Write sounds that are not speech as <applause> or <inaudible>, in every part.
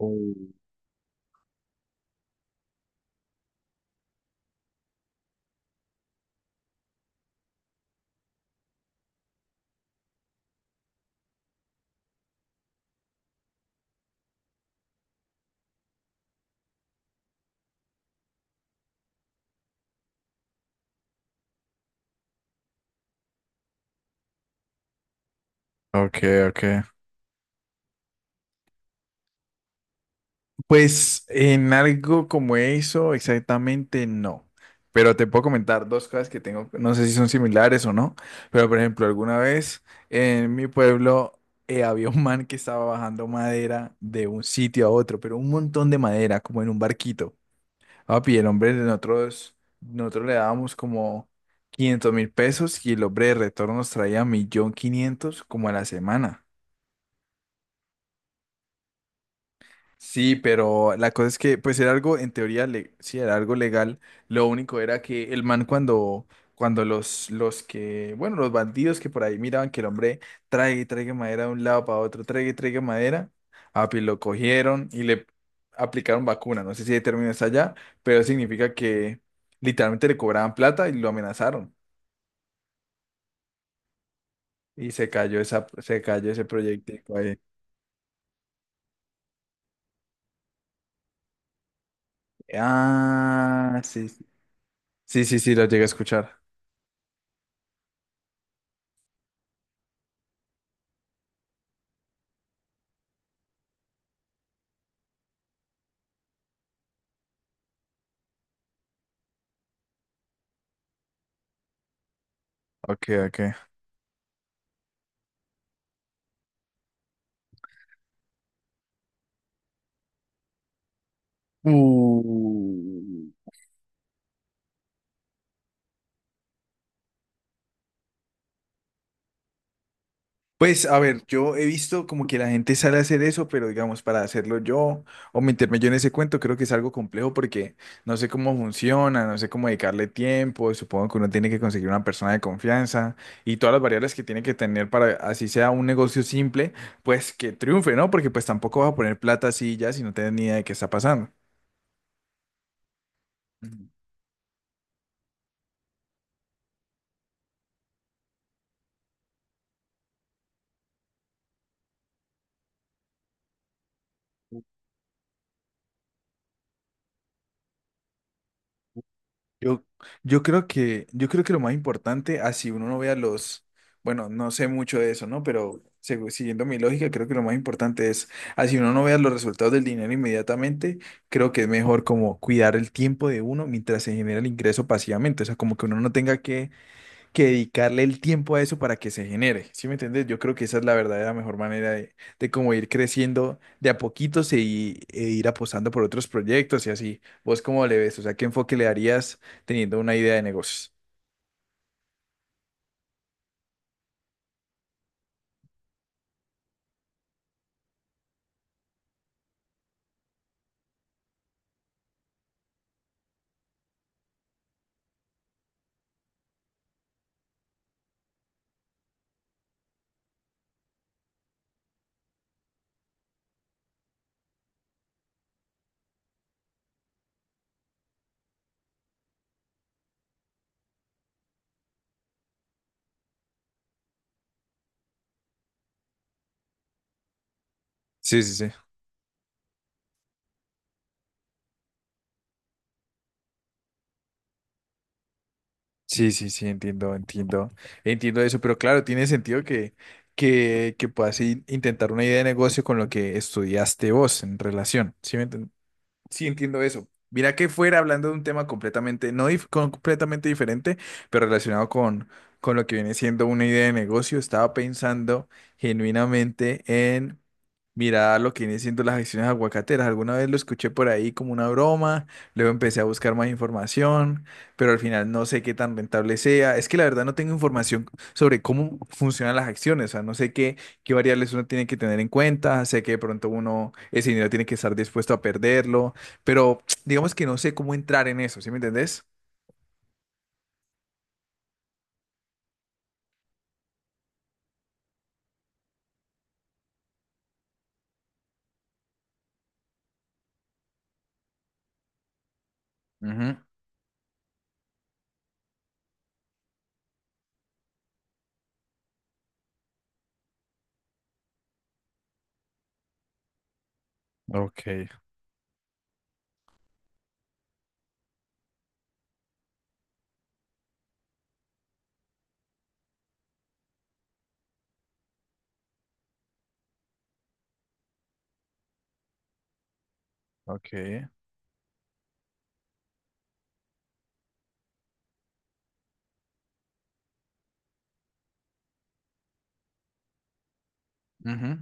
Mm. Ok, ok. Pues en algo como eso, exactamente no. Pero te puedo comentar dos cosas que tengo, no sé si son similares o no, pero por ejemplo, alguna vez en mi pueblo había un man que estaba bajando madera de un sitio a otro, pero un montón de madera, como en un barquito. Papi, el hombre de nosotros, nosotros le dábamos como 500.000 pesos y el hombre de retorno nos traía 1.500.000 como a la semana. Sí, pero la cosa es que, pues era algo, en teoría, sí, era algo legal. Lo único era que el man cuando bueno, los bandidos que por ahí miraban que el hombre trae y traiga madera de un lado para otro, traiga y traiga madera, api, lo cogieron y le aplicaron vacuna. No sé si el término está allá, pero significa que literalmente le cobraban plata y lo amenazaron. Y se cayó ese proyectico ahí. Ah, sí, sí, sí, sí, sí, lo llegué a escuchar. Ok, ok. Mm, pues a ver, yo he visto como que la gente sale a hacer eso, pero digamos, para hacerlo yo o meterme yo en ese cuento, creo que es algo complejo porque no sé cómo funciona, no sé cómo dedicarle tiempo, supongo que uno tiene que conseguir una persona de confianza y todas las variables que tiene que tener para, así sea un negocio simple, pues que triunfe, ¿no? Porque pues tampoco vas a poner plata así ya si no tienes ni idea de qué está pasando. Yo, yo creo que lo más importante, así uno no vea los, bueno, no sé mucho de eso, ¿no? Pero siguiendo mi lógica, creo que lo más importante es, así uno no vea los resultados del dinero inmediatamente, creo que es mejor como cuidar el tiempo de uno mientras se genera el ingreso pasivamente, o sea, como que uno no tenga que dedicarle el tiempo a eso para que se genere. ¿Sí me entiendes? Yo creo que esa es la verdadera mejor manera de cómo ir creciendo de a poquitos e ir apostando por otros proyectos y así. ¿Vos cómo le ves? O sea, ¿qué enfoque le darías teniendo una idea de negocios? Sí, sí, sí. Sí, sí, sí, entiendo, entiendo. Entiendo eso, pero claro, tiene sentido que puedas intentar una idea de negocio con lo que estudiaste vos en relación. ¿Sí me entiendes? Sí, entiendo eso. Mira que fuera hablando de un tema completamente, no completamente diferente, pero relacionado con lo que viene siendo una idea de negocio, estaba pensando genuinamente en mirar lo que viene siendo las acciones aguacateras. Alguna vez lo escuché por ahí como una broma, luego empecé a buscar más información, pero al final no sé qué tan rentable sea. Es que la verdad no tengo información sobre cómo funcionan las acciones, o sea, no sé qué variables uno tiene que tener en cuenta, sé que de pronto uno ese dinero tiene que estar dispuesto a perderlo, pero <tsk> digamos que no sé cómo entrar en eso, ¿sí me entendés? Ujú, ok, ok, ujú,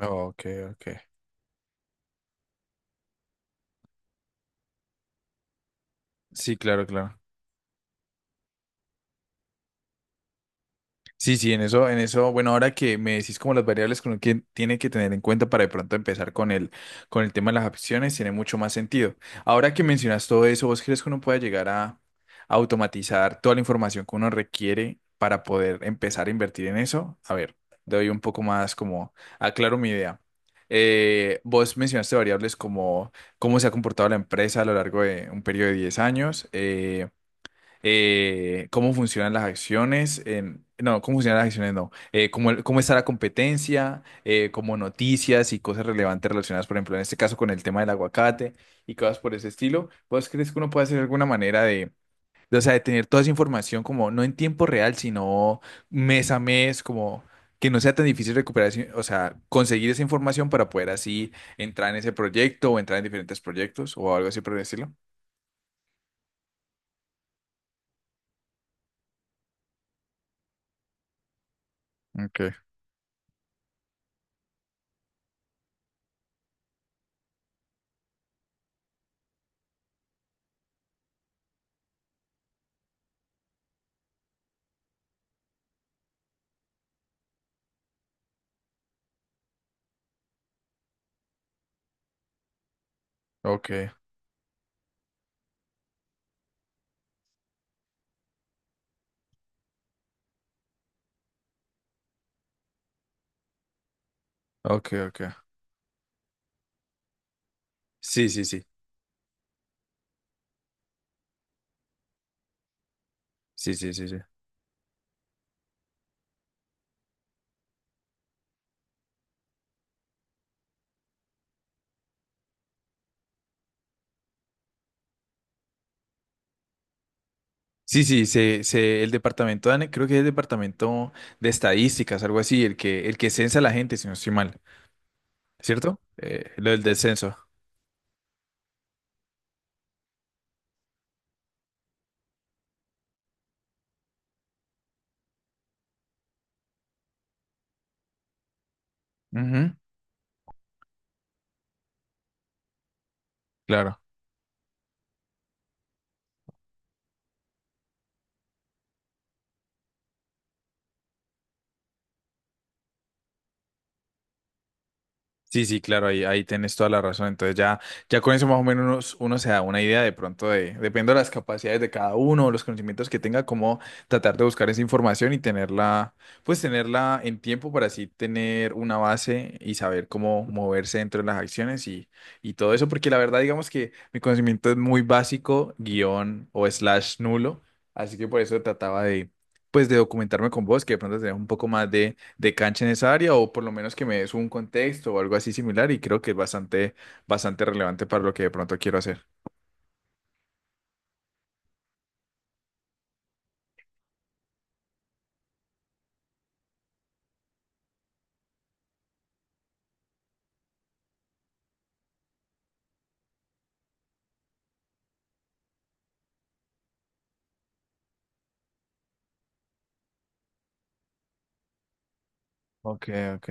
ok, ok. Sí, claro, claro. Sí, sí, en eso, bueno, ahora que me decís como las variables con las que tiene que tener en cuenta para de pronto empezar con el tema de las acciones tiene mucho más sentido. Ahora que mencionas todo eso, ¿vos crees que uno pueda llegar a automatizar toda la información que uno requiere para poder empezar a invertir en eso? A ver, doy un poco más como, aclaro mi idea. Vos mencionaste variables como cómo se ha comportado la empresa a lo largo de un periodo de 10 años, cómo funcionan las acciones, en- no, cómo funcionan las acciones, no, cómo está la competencia, como noticias y cosas relevantes relacionadas, por ejemplo, en este caso con el tema del aguacate y cosas por ese estilo. ¿Vos crees que uno puede hacer alguna manera o sea, de tener toda esa información como no en tiempo real, sino mes a mes, como que no sea tan difícil recuperar, o sea, conseguir esa información para poder así entrar en ese proyecto o entrar en diferentes proyectos o algo así por el estilo? Okay, okay, okay, ok. Sí, sí, sí, sí, sí, sí, sí. Sí, el departamento de, creo que es el departamento de estadísticas, algo así, el que censa a la gente, si no estoy mal, ¿cierto? Lo del descenso. Ujú, claro. Sí, sí, claro, ahí tienes toda la razón. Ya con eso más o menos uno se da una idea de pronto de, dependiendo de las capacidades de cada uno, los conocimientos que tenga, cómo tratar de buscar esa información y tenerla, pues tenerla en tiempo para así tener una base y saber cómo moverse dentro de las acciones y todo eso, porque la verdad digamos que mi conocimiento es muy básico, guión o slash nulo, así que por eso trataba de, pues de documentarme con vos, que de pronto tenés un poco más de cancha en esa área o por lo menos que me des un contexto o algo así similar y creo que es bastante relevante para lo que de pronto quiero hacer. Ok, ok.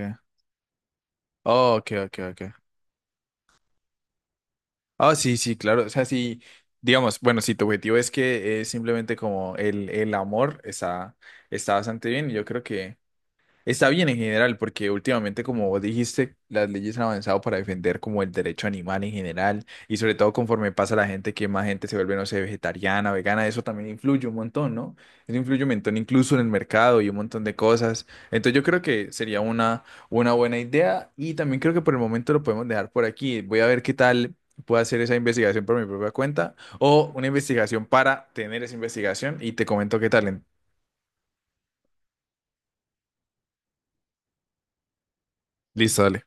Oh, ok, ok, ok. Ah, sí, sí, claro. O sea, sí, digamos, bueno, si tu objetivo es que es simplemente como el amor, está bastante bien y yo creo que... Está bien en general, porque últimamente, como vos dijiste, las leyes han avanzado para defender como el derecho animal en general, y sobre todo conforme pasa la gente, que más gente se vuelve, no sé, vegetariana, vegana, eso también influye un montón, ¿no? Eso influye un montón incluso en el mercado y un montón de cosas. Entonces yo creo que sería una buena idea y también creo que por el momento lo podemos dejar por aquí. Voy a ver qué tal puedo hacer esa investigación por mi propia cuenta o una investigación para tener esa investigación y te comento qué tal. Listo, dale.